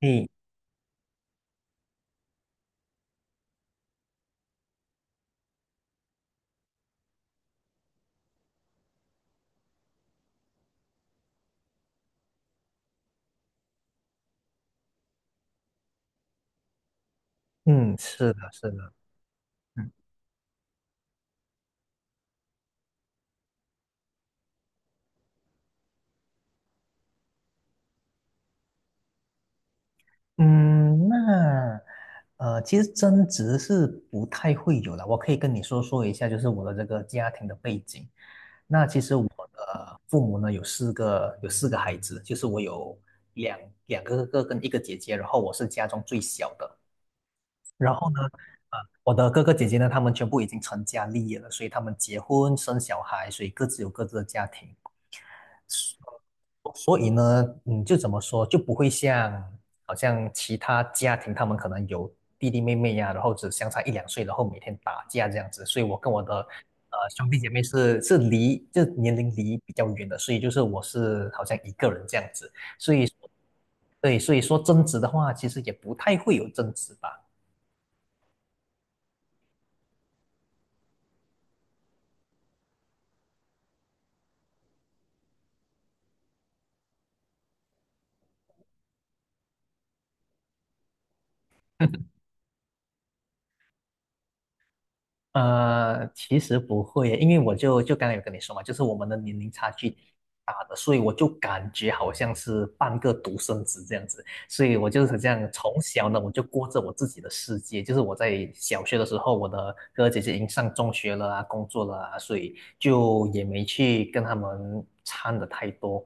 嗯嗯，是的，是的。嗯嗯。那,其实争执是不太会有的。我可以跟你说说一下，就是我的这个家庭的背景。那其实我的父母呢有四个孩子，就是我有两两个哥哥跟一个姐姐，然后我是家中最小的。然后呢,我的哥哥姐姐呢，他们全部已经成家立业了，所以他们结婚生小孩，所以各自有各自的家庭。所以呢,就怎么说，就不会像好像其他家庭，他们可能有弟弟妹妹呀、然后只相差一两岁，然后每天打架这样子。所以我跟我的兄弟姐妹是离，就年龄离比较远的，所以就是我是好像一个人这样子。所以，对，所以说争执的话，其实也不太会有争执吧。其实不会耶，因为我就刚才有跟你说嘛，就是我们的年龄差距挺大的，所以我就感觉好像是半个独生子这样子，所以我就是这样，从小呢我就过着我自己的世界，就是我在小学的时候，我的哥哥姐姐已经上中学了啊，工作了啊，所以就也没去跟他们掺的太多。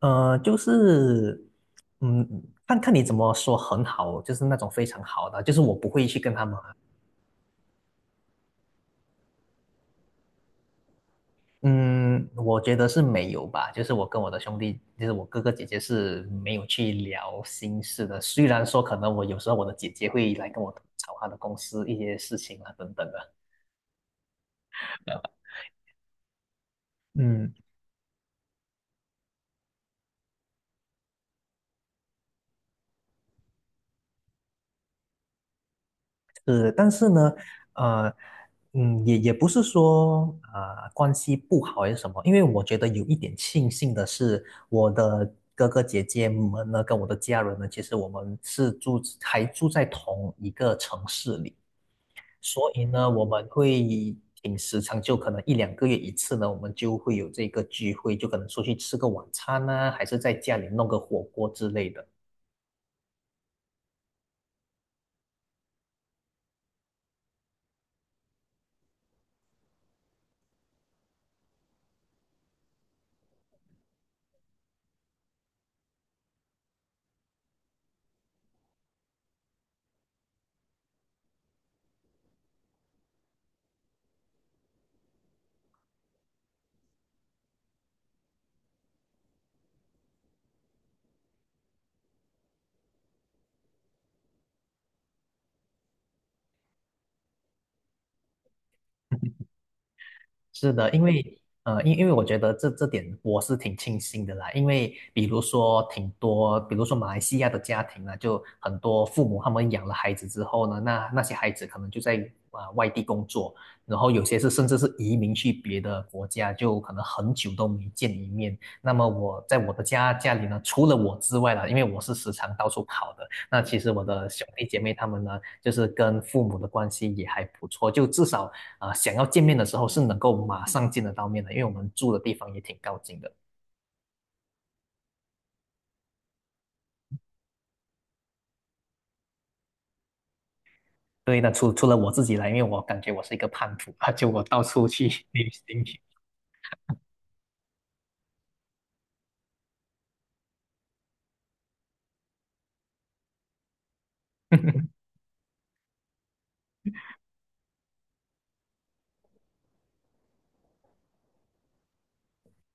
呃，就是。嗯，看看你怎么说很好，就是那种非常好的，就是我不会去跟他们嗯，我觉得是没有吧。就是我跟我的兄弟，就是我哥哥姐姐是没有去聊心事的。虽然说可能我有时候我的姐姐会来跟我吐槽她的公司一些事情啊等等的 嗯，是，但是呢，呃，嗯，也也不是说关系不好还是什么，因为我觉得有一点庆幸的是，我的哥哥姐姐们呢，跟我的家人呢，其实我们是住在同一个城市里。所以呢，我们会挺时常，就可能一两个月一次呢，我们就会有这个聚会，就可能出去吃个晚餐呢、还是在家里弄个火锅之类的。是的，因为我觉得这点我是挺庆幸的啦，因为比如说挺多，比如说马来西亚的家庭啊，就很多父母他们养了孩子之后呢，那些孩子可能就在外地工作，然后有些是甚至是移民去别的国家，就可能很久都没见一面。那么我在我的家里呢，除了我之外啦，因为我是时常到处跑的，那其实我的兄弟姐妹他们呢，就是跟父母的关系也还不错，就至少。想要见面的时候是能够马上见得到面的，因为我们住的地方也挺靠近的。对的，除了我自己来，因为我感觉我是一个叛徒啊，就我到处去旅行。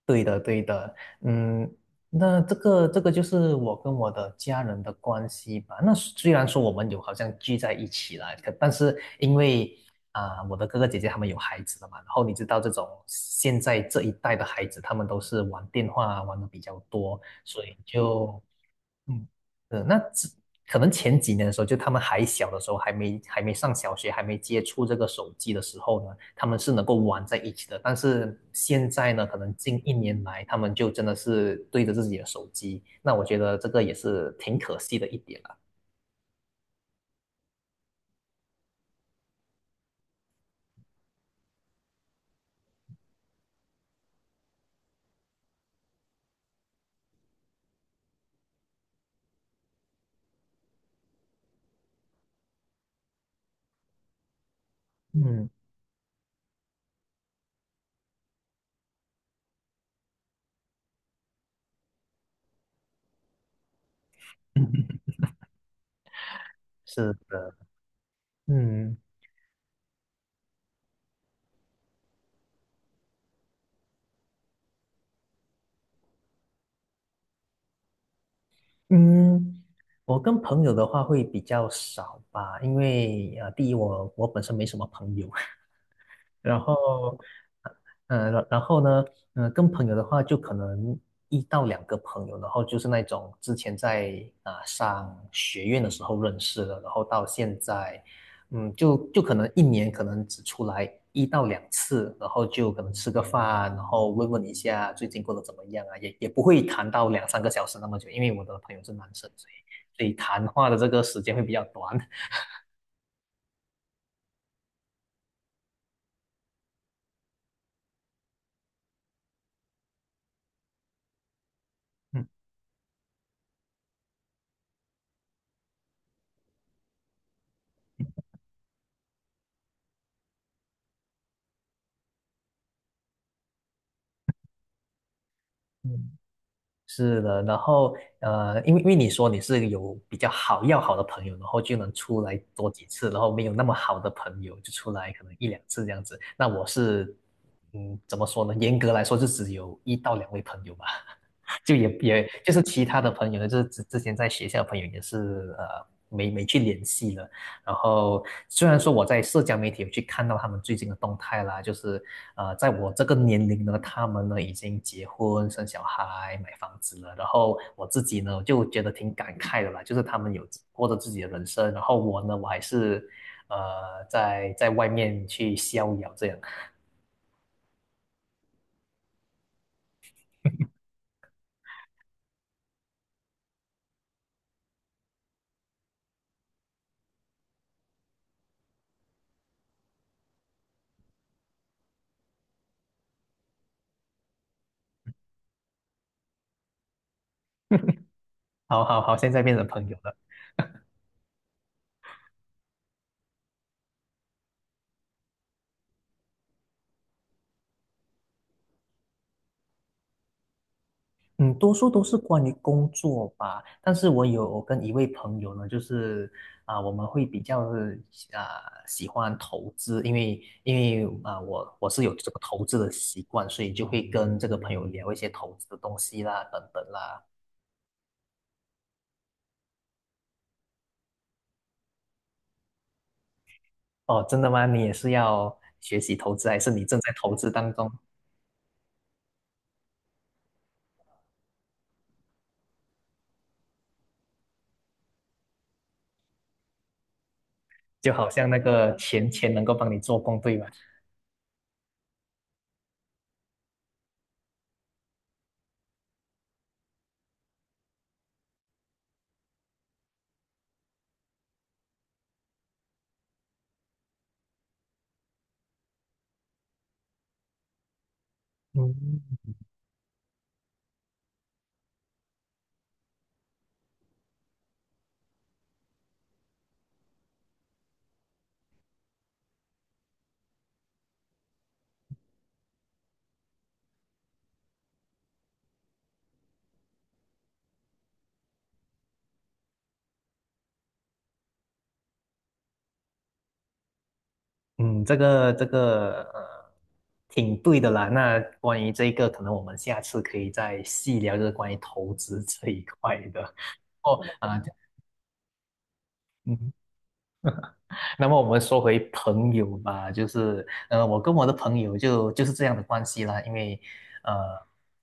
对的，对的。嗯，那这个就是我跟我的家人的关系吧。那虽然说我们有好像聚在一起了，但是因为我的哥哥姐姐他们有孩子了嘛，然后你知道这种现在这一代的孩子，他们都是玩电话玩的比较多，所以就嗯，呃，那只可能前几年的时候，就他们还小的时候，还没上小学，还没接触这个手机的时候呢，他们是能够玩在一起的。但是现在呢，可能近一年来，他们就真的是对着自己的手机。那我觉得这个也是挺可惜的一点了。嗯，是的。嗯嗯，我跟朋友的话会比较少吧，因为第一我本身没什么朋友，然后，嗯、然然后呢，嗯、跟朋友的话，就可能一到两个朋友，然后就是那种之前在上学院的时候认识的，然后到现在，就可能一年可能只出来一到两次，然后就可能吃个饭，然后问问一下最近过得怎么样啊，也不会谈到两三个小时那么久，因为我的朋友是男生，所以谈话的这个时间会比较短。嗯嗯。是的，然后因为你说你是有比较要好的朋友，然后就能出来多几次，然后没有那么好的朋友就出来可能一两次这样子。那我是，怎么说呢？严格来说就只有一到两位朋友吧。就也就是其他的朋友呢，就是之前在学校的朋友也是没去联系了。然后虽然说我在社交媒体有去看到他们最近的动态啦，就是在我这个年龄呢，他们呢已经结婚生小孩买房子了。然后我自己呢就觉得挺感慨的啦，就是他们有过着自己的人生，然后我呢我还是在外面去逍遥这样。好好好，现在变成朋友了。嗯，多数都是关于工作吧，但是我有跟一位朋友呢，就是我们会比较喜欢投资，因为我是有这个投资的习惯，所以就会跟这个朋友聊一些投资的东西啦，等等啦。哦，真的吗？你也是要学习投资，还是你正在投资当中？就好像那个钱能够帮你做工，对吧？嗯。这个,挺对的啦。那关于这个，可能我们下次可以再细聊，就是关于投资这一块的。哦，嗯，那么我们说回朋友吧，就是我跟我的朋友就是这样的关系啦，因为呃，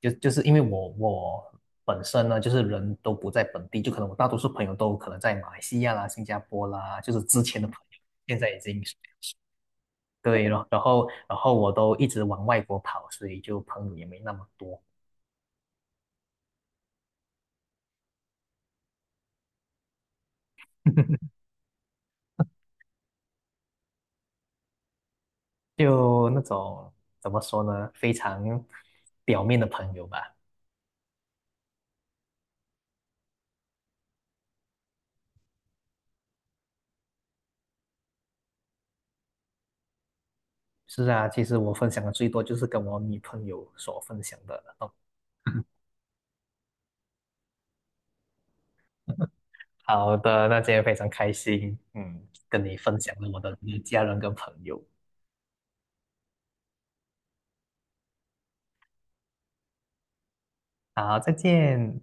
就是因为我本身呢，就是人都不在本地，就可能我大多数朋友都可能在马来西亚啦、新加坡啦，就是之前的朋友，现在已经。对，了，然后我都一直往外国跑，所以就朋友也没那么多，就那种怎么说呢，非常表面的朋友吧。是啊，其实我分享的最多就是跟我女朋友所分享的那种。哦，好的，那今天非常开心，跟你分享了我的家人跟朋友。好，再见。